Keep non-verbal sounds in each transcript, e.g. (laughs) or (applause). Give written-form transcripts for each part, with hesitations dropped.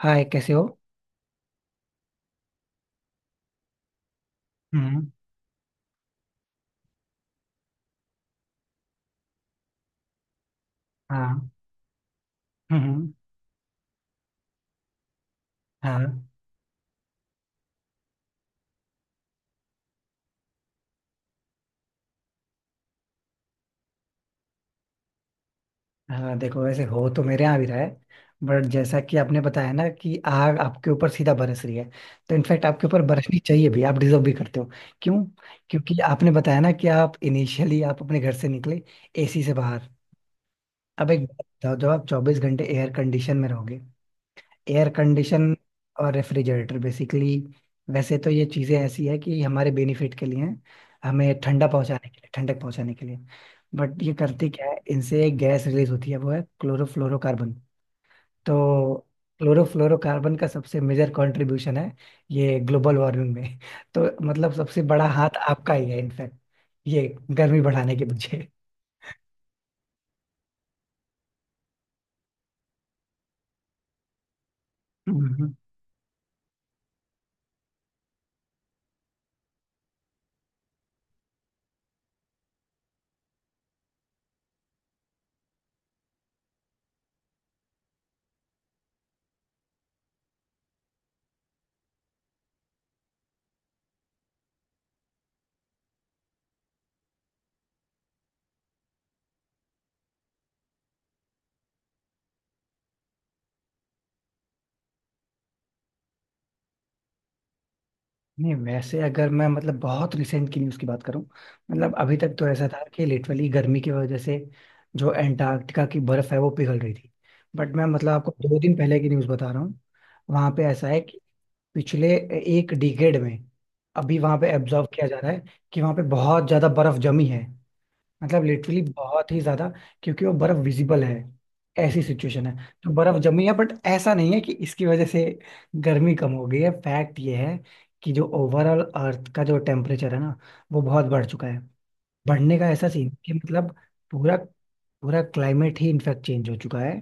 हाय, कैसे हो। हम्म। हाँ। हम्म। हाँ। हाँ, देखो वैसे हो तो मेरे यहाँ भी रहा है। बट जैसा कि आपने बताया ना कि आग आपके ऊपर सीधा बरस रही है, तो इनफैक्ट आपके ऊपर बरसनी चाहिए भी, आप डिजर्व भी करते हो। क्यों? क्योंकि आपने बताया ना कि आप इनिशियली आप अपने घर से निकले, एसी से बाहर। अब एक बात बताओ, जब आप 24 घंटे एयर कंडीशन में रहोगे, एयर कंडीशन और रेफ्रिजरेटर बेसिकली। वैसे तो ये चीज़ें ऐसी है कि हमारे बेनिफिट के लिए हैं, हमें ठंडा पहुंचाने के लिए, ठंडक पहुंचाने के लिए। बट ये करते क्या है, इनसे एक गैस रिलीज होती है, वो है क्लोरोफ्लोरोकार्बन। तो क्लोरोफ्लोरोकार्बन का सबसे मेजर कंट्रीब्यूशन है ये ग्लोबल वार्मिंग में। तो मतलब सबसे बड़ा हाथ आपका ही है इनफैक्ट, ये गर्मी बढ़ाने के पीछे। हम्म। नहीं, वैसे अगर मैं मतलब बहुत रिसेंट की न्यूज़ की बात करूं, मतलब अभी तक तो ऐसा था कि लिटरली गर्मी की वजह से जो एंटार्क्टिका की बर्फ है वो पिघल रही थी। बट मैं मतलब आपको 2 दिन पहले की न्यूज़ बता रहा हूँ। वहां पे ऐसा है कि पिछले एक डिकेड में अभी वहां पे एब्जॉर्व किया जा रहा है कि वहां पे बहुत ज्यादा बर्फ जमी है, मतलब लिटरली बहुत ही ज्यादा। क्योंकि वो बर्फ विजिबल है, ऐसी सिचुएशन है, तो बर्फ जमी है। बट ऐसा नहीं है कि इसकी वजह से गर्मी कम हो गई है। फैक्ट ये है कि जो ओवरऑल अर्थ का जो टेम्परेचर है ना, वो बहुत बढ़ चुका है। बढ़ने का ऐसा सीन कि मतलब पूरा पूरा क्लाइमेट ही इनफैक्ट चेंज हो चुका है।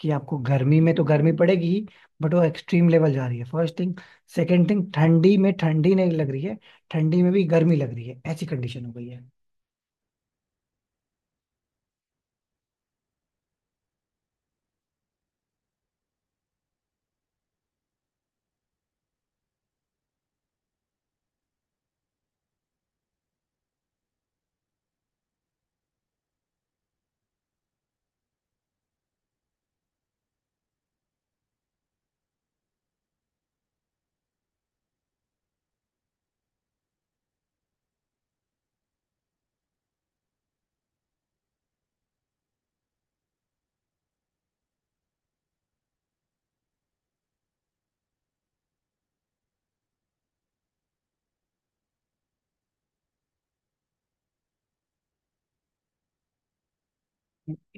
कि आपको गर्मी में तो गर्मी पड़ेगी ही, बट वो एक्सट्रीम लेवल जा रही है, फर्स्ट थिंग। सेकेंड थिंग, ठंडी में ठंडी नहीं लग रही है, ठंडी में भी गर्मी लग रही है, ऐसी कंडीशन हो गई है।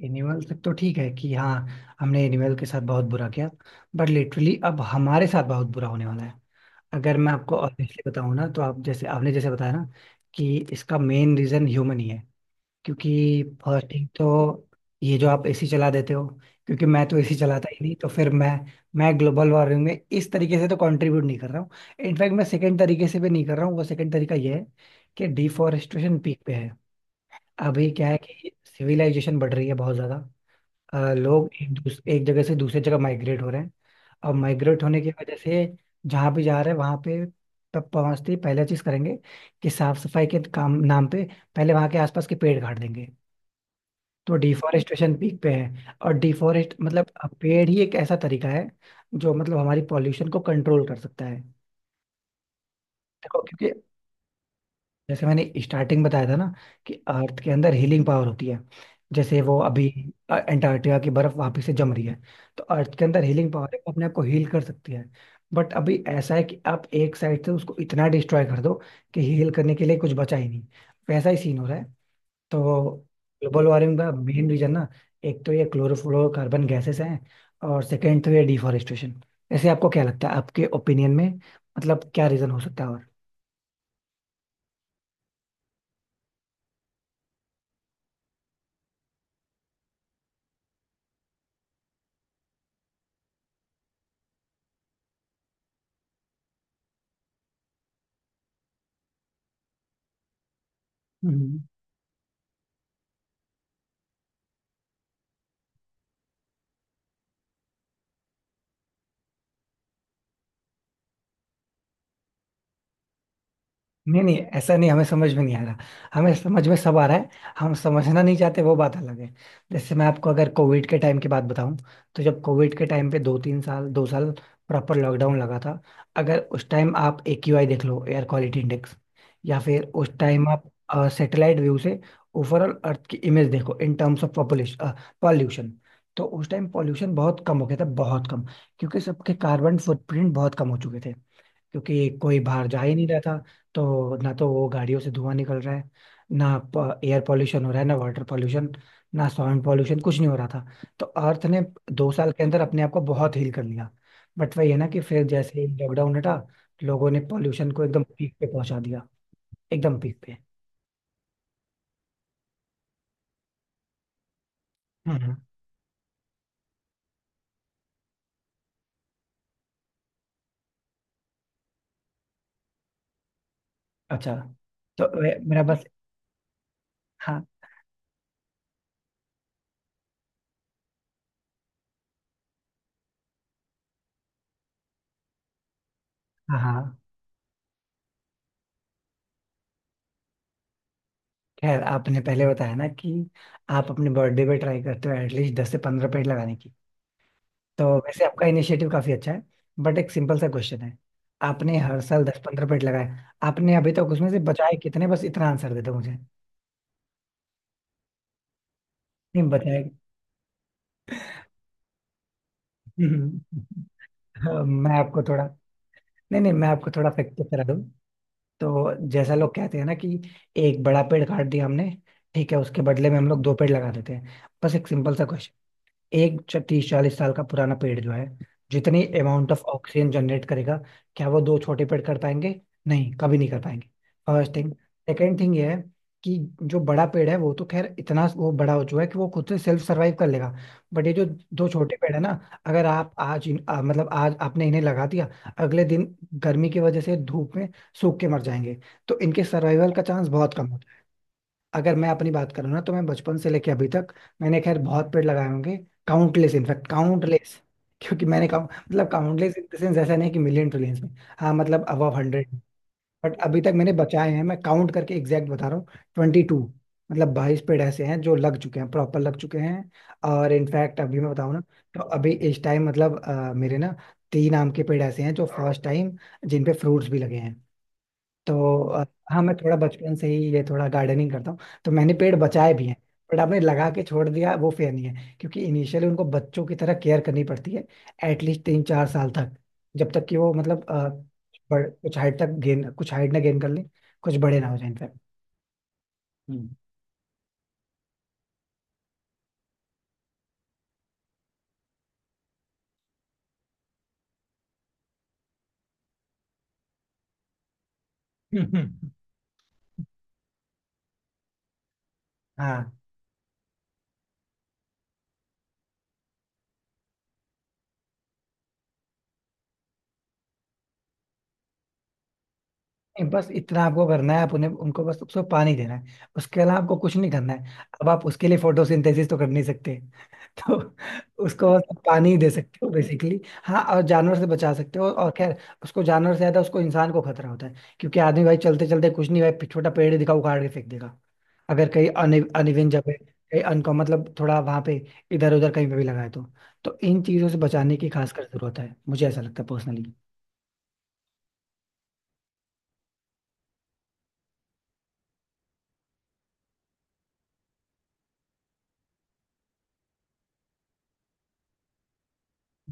एनिमल तक तो ठीक है कि हाँ, हमने एनिमल के साथ बहुत बुरा किया। बट लिटरली अब हमारे साथ बहुत बुरा होने वाला है। अगर मैं आपको ऑनेस्टली बताऊं ना, तो आप जैसे आपने जैसे बताया ना कि इसका मेन रीजन ह्यूमन ही है। क्योंकि फर्स्ट थिंग तो ये जो आप एसी चला देते हो। क्योंकि मैं तो एसी चलाता ही नहीं, तो फिर मैं ग्लोबल वार्मिंग में इस तरीके से तो कंट्रीब्यूट नहीं कर रहा हूँ। इनफैक्ट मैं सेकंड तरीके से भी नहीं कर रहा हूँ। वो सेकंड तरीका ये है कि डिफॉरेस्टेशन पीक पे है। अभी क्या है कि सिविलाइजेशन बढ़ रही है बहुत ज्यादा। लोग एक जगह से दूसरी जगह माइग्रेट हो रहे हैं। अब माइग्रेट होने की वजह से जहाँ भी जा रहे हैं वहाँ पे, तब पहुँचते ही पहला चीज़ करेंगे कि साफ सफाई के काम नाम पे पहले वहाँ के आसपास के पेड़ काट देंगे। तो डिफॉरेस्टेशन पीक पे है। और डिफॉरेस्ट मतलब पेड़ ही एक ऐसा तरीका है जो मतलब हमारी पॉल्यूशन को कंट्रोल कर सकता है। देखो, क्योंकि जैसे मैंने स्टार्टिंग बताया था ना कि अर्थ के अंदर हीलिंग पावर होती है। जैसे वो अभी अंटार्कटिका की बर्फ वापस से जम रही है। तो अर्थ के अंदर हीलिंग पावर है, वो अपने आप को हील कर सकती है। बट अभी ऐसा है कि आप एक साइड से उसको इतना डिस्ट्रॉय कर दो कि हील करने के लिए कुछ बचा ही नहीं, वैसा ही सीन हो रहा है। तो ग्लोबल वार्मिंग का मेन रीजन ना, एक तो ये क्लोरोफ्लोरोकार्बन गैसेस हैं, और सेकेंड तो ये डिफॉरेस्टेशन। ऐसे आपको क्या लगता है, आपके ओपिनियन में मतलब क्या रीजन हो सकता है? और नहीं नहीं, ऐसा नहीं हमें समझ में नहीं आ रहा, हमें समझ में सब आ रहा है, हम समझना नहीं चाहते, वो बात अलग है। जैसे मैं आपको अगर कोविड के टाइम की बात बताऊं, तो जब कोविड के टाइम पे 2 3 साल 2 साल प्रॉपर लॉकडाउन लगा था, अगर उस टाइम आप एक्यूआई देख लो, एयर क्वालिटी इंडेक्स, या फिर उस टाइम आप सैटेलाइट व्यू से ओवरऑल अर्थ की इमेज देखो in terms of population, pollution, तो उस टाइम पॉल्यूशन बहुत कम हो गया था, बहुत कम। क्योंकि सबके कार्बन फुटप्रिंट बहुत कम हो चुके थे, क्योंकि कोई बाहर जा ही नहीं रहा था। तो ना तो वो गाड़ियों से धुआं निकल रहा है, ना एयर पॉल्यूशन हो रहा है, ना वाटर पॉल्यूशन, ना साउंड पॉल्यूशन, कुछ नहीं हो रहा था। तो अर्थ ने 2 साल के अंदर अपने आप को बहुत हील कर लिया। बट वही है ना, कि फिर जैसे ही लॉकडाउन हटा, लोगों ने पॉल्यूशन को एकदम पीक पे पहुंचा दिया, एकदम पीक पे। हम्म। अच्छा। तो मेरा बस, हाँ हाँ हाँ, खैर आपने पहले बताया ना कि आप अपने बर्थडे पे ट्राई करते हो एटलीस्ट 10 से 15 पेड़ लगाने की, तो वैसे आपका इनिशिएटिव काफी अच्छा है। बट एक सिंपल सा क्वेश्चन है। आपने हर साल 10 15 पेड़ लगाए, आपने अभी तक उसमें से बचाए कितने? बस इतना आंसर दे दो मुझे, नहीं बचाए। (laughs) हाँ, मैं आपको थोड़ा, नहीं नहीं, मैं आपको थोड़ा फैक्ट चेक करा दूं। तो जैसा लोग कहते हैं ना कि एक बड़ा पेड़ काट दिया हमने, ठीक है, उसके बदले में हम लोग दो पेड़ लगा देते हैं। बस एक सिंपल सा, 30 40 साल का पुराना पेड़ जो है, जितनी अमाउंट ऑफ ऑक्सीजन जनरेट करेगा, क्या वो दो छोटे पेड़ कर पाएंगे? नहीं, कभी नहीं कर पाएंगे। फर्स्ट थिंग, सेकेंड थिंग ये है कि जो बड़ा पेड़ है वो तो खैर इतना वो बड़ा हो चुका है कि वो खुद से सेल्फ सर्वाइव कर लेगा। बट ये जो दो छोटे पेड़ है ना, अगर आप आज मतलब आज आपने इन्हें लगा दिया, अगले दिन गर्मी की वजह से धूप में सूख के मर जाएंगे। तो इनके सर्वाइवल का चांस बहुत कम। अगर मैं अपनी बात करूँ ना, तो मैं बचपन से लेके अभी तक मैंने खैर बहुत पेड़ लगाए होंगे, काउंटलेस इनफैक्ट, काउंटलेस। क्योंकि मैंने काउ मतलब काउंटलेस इन द सेंस, ऐसा नहीं कि मिलियन ट्रिलियंस में। हाँ, मतलब अबव 100। बट अभी तक मैंने बचाए हैं, मैं काउंट करके एग्जैक्ट बता रहा हूँ, 22, मतलब 22 पेड़ ऐसे हैं जो लग चुके हैं, प्रॉपर लग चुके हैं। और इनफैक्ट अभी मैं बताऊँ ना, तो अभी इस टाइम मतलब मेरे ना तीन आम के पेड़ ऐसे हैं जो फर्स्ट टाइम जिन पे फ्रूट्स भी लगे हैं। तो हाँ, मैं थोड़ा बचपन से ही ये थोड़ा गार्डनिंग करता हूँ, तो मैंने पेड़ बचाए भी हैं। बट आपने लगा के छोड़ दिया, वो फेयर नहीं है, क्योंकि इनिशियली उनको बच्चों की तरह केयर करनी पड़ती है, एटलीस्ट 3 4 साल तक, जब तक कि वो मतलब कुछ हाइट तक गेन, कुछ हाइट ना गेन कर लें, कुछ बड़े ना हो जाए इनफैक्ट। हम्म। हाँ, नहीं, बस इतना आपको करना है, आप उन्हें उनको बस उसको पानी देना है, उसके अलावा आपको कुछ नहीं करना है। अब आप उसके लिए फोटोसिंथेसिस तो कर नहीं सकते, तो उसको पानी ही दे सकते हो बेसिकली। हाँ, और जानवर से बचा सकते हो। और खैर, उसको जानवर से ज्यादा उसको इंसान को खतरा होता है, क्योंकि आदमी भाई चलते चलते कुछ नहीं, भाई छोटा पेड़ दिखा उखाड़ के फेंक देगा। अगर कहीं अन अनइवन जगह, कहीं अनका मतलब थोड़ा वहां पे इधर उधर कहीं पे भी लगाए, तो इन चीजों से बचाने की खासकर जरूरत है, मुझे ऐसा लगता है पर्सनली।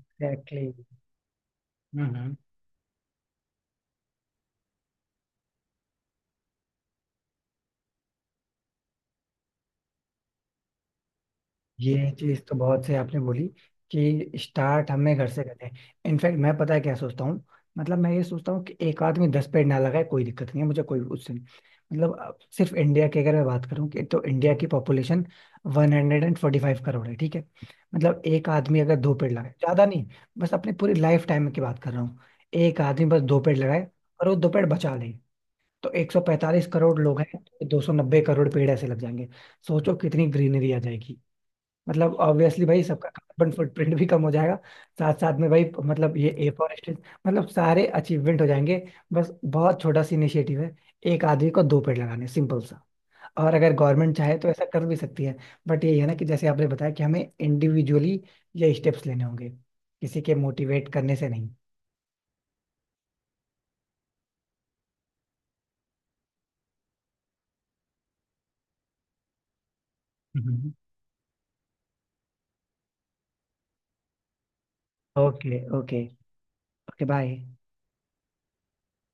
एग्जैक्टली। ये चीज तो बहुत से आपने बोली कि स्टार्ट हमें घर से करते हैं। इनफैक्ट मैं पता है क्या सोचता हूँ, मतलब मैं ये सोचता हूँ कि एक आदमी 10 पेड़ ना लगाए, कोई दिक्कत नहीं है मुझे, कोई उससे नहीं। मतलब अब सिर्फ इंडिया की अगर मैं बात करूँ, कि तो इंडिया की पॉपुलेशन 145 करोड़ है, ठीक है, मतलब एक आदमी अगर दो पेड़ लगाए, ज्यादा नहीं, बस अपने पूरी लाइफ टाइम की बात कर रहा हूँ, एक आदमी बस दो पेड़ लगाए, और वो दो पेड़ बचा ले, तो 145 करोड़ लोग हैं तो 290 करोड़ पेड़ ऐसे लग जाएंगे। सोचो कितनी ग्रीनरी आ जाएगी। मतलब ऑब्वियसली भाई सबका कार्बन फुटप्रिंट भी कम हो जाएगा, साथ साथ में भाई मतलब ये ए फॉर, मतलब सारे अचीवमेंट हो जाएंगे। बस बहुत छोटा सा इनिशिएटिव है, एक आदमी को दो पेड़ लगाने, सिंपल सा। और अगर गवर्नमेंट चाहे तो ऐसा कर भी सकती है। बट यही है ना, कि जैसे आपने बताया कि हमें इंडिविजुअली ये स्टेप्स लेने होंगे, किसी के मोटिवेट करने से नहीं। हम्म। Okay, okay. Okay, bye.